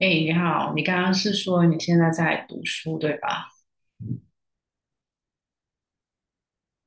哎，你好，你刚刚是说你现在在读书，对吧？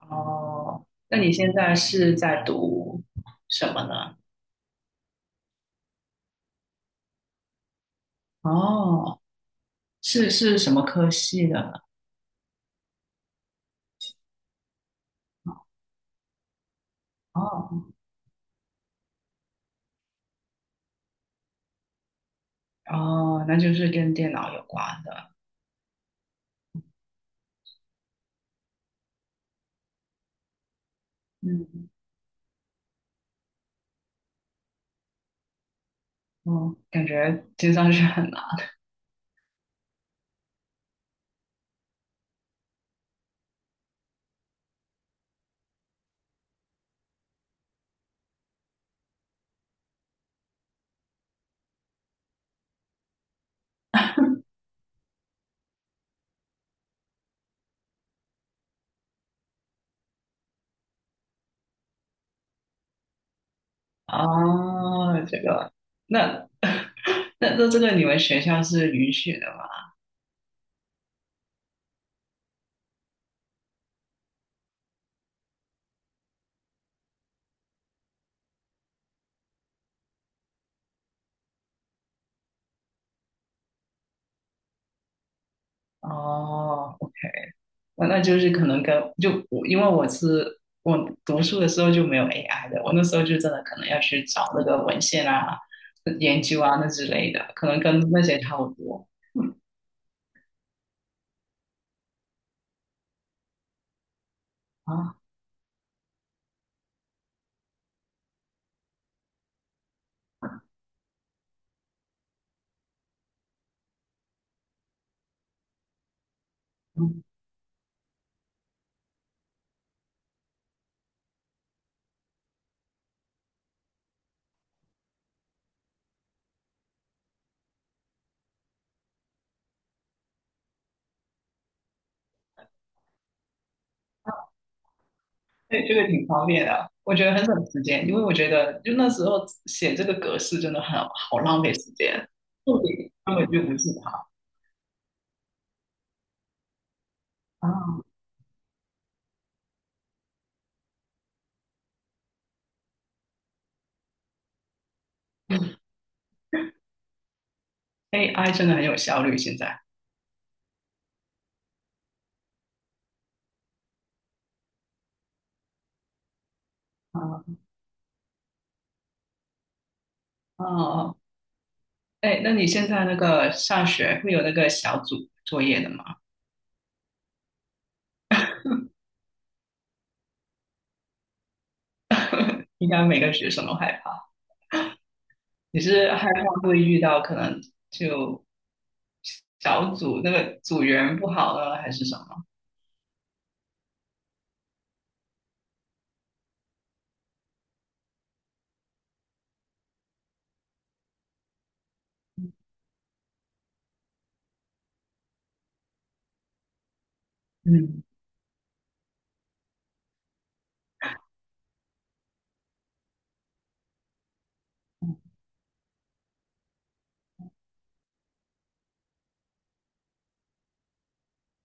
哦，那你现在是在读什么呢？哦，是什么科系的？哦哦，那就是跟电脑有关的。嗯，哦，感觉听上去很难。哦，这个，那 那这个你们学校是允许的吗？哦。我那就是可能跟就我因为我读书的时候就没有 AI 的，我那时候就真的可能要去找那个文献啊、研究啊那之类的，可能跟那些差不多啊。嗯，对，这个挺方便的，我觉得很省时间，因为我觉得就那时候写这个格式真的很好浪费时间，重点根本就不是它啊。AI 真的很有效率，现在啊，哦，哦哦，哎，那你现在那个上学会有那个小组作业的吗？应该每个学生都害怕。你是害怕会遇到可能就小组那个组员不好了，还是什么？嗯，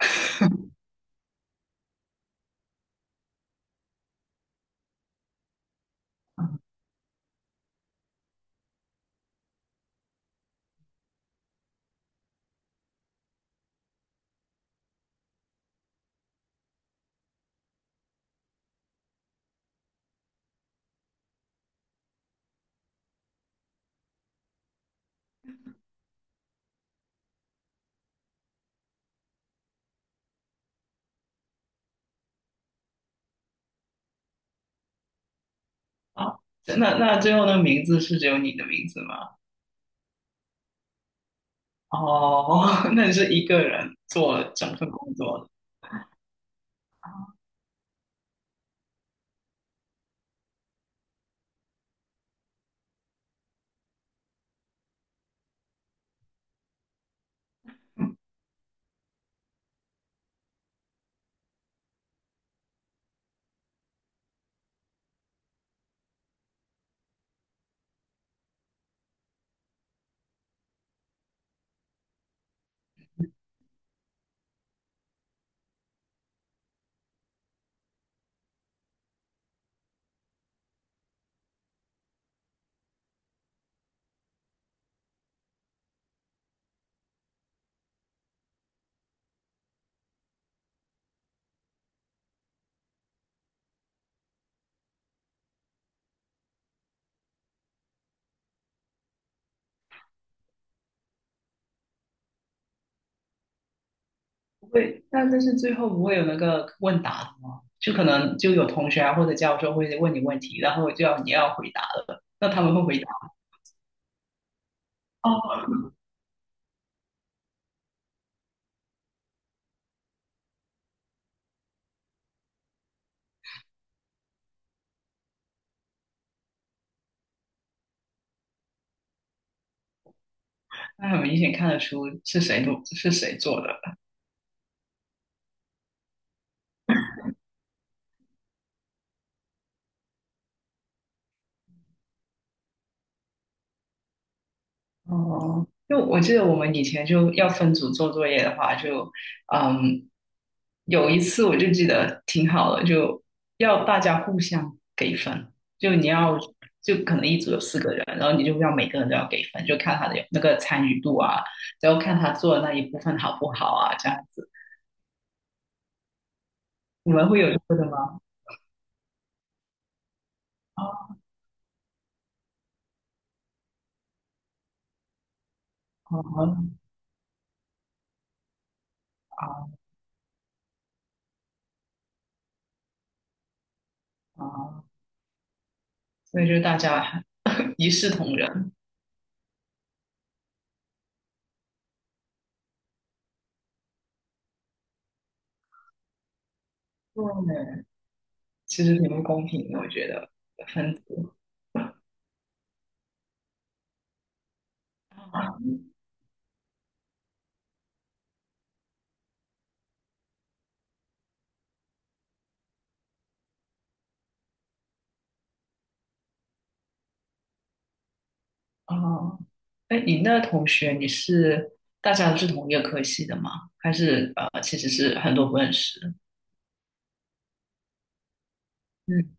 好，那最后那个名字是只有你的名字吗？哦，那你是一个人做整份工作的，不会？那但是最后不会有那个问答的吗？就可能就有同学啊或者教授会问你问题，然后就要你要回答了，那他们会回答哦，那很明显看得出是谁做是谁做的。哦，就我记得我们以前就要分组做作业的话，就嗯，有一次我就记得挺好的，就要大家互相给分，就你要就可能一组有4个人，然后你就要每个人都要给分，就看他的那个参与度啊，然后看他做的那一部分好不好啊，这样子。你们会有这个的吗？啊，啊啊！啊所以就大家 一视同仁，对，其实挺不公平的，我觉得分组。哦，哎，你那同学你是大家都是同一个科系的吗？还是其实是很多不认识的？嗯，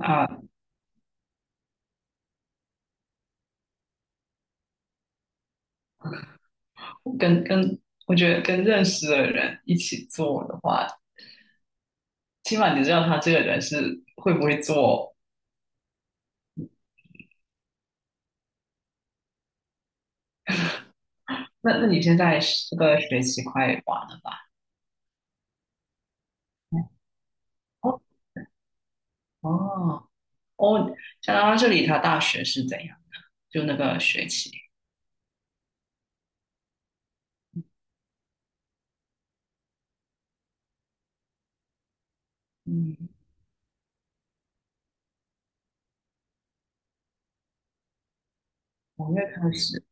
啊，跟跟我觉得跟认识的人一起做的话，起码你知道他这个人是会不会做。那你现在是这个学期快完了吧？哦哦哦，加拿大这里他大学是怎样的？就那个学期，嗯，5月开始，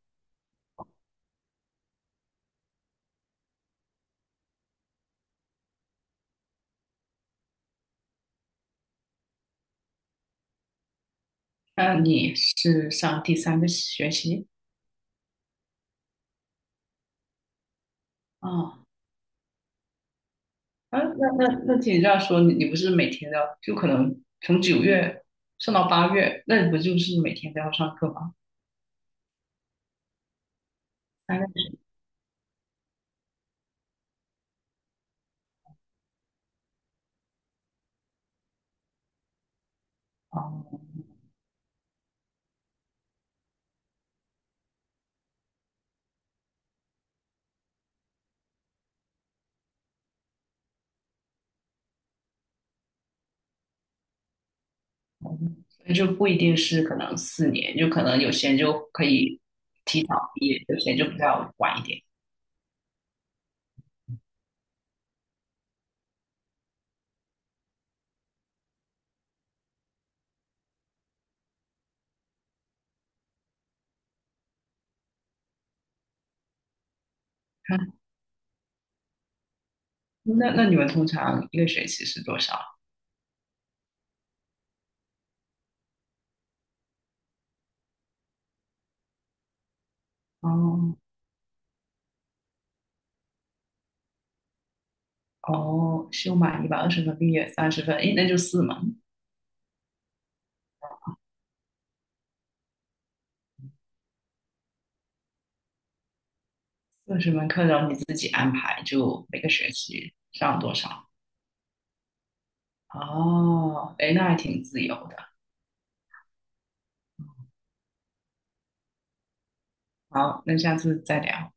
那你是上第三个学期？啊？啊，那听你这样说，你不是每天都要，就可能从9月上到8月，那你不就是每天都要上课吗？大概是哦，那就不一定是可能4年，就可能有些人就可以提早毕业，有些人就比较晚一点。嗯，那你们通常一个学期是多少？哦哦，修满120分毕业30分，诶，那就4门，40门课，然后你自己安排，就每个学期上多少？哦，诶，那还挺自由的。好，那下次再聊。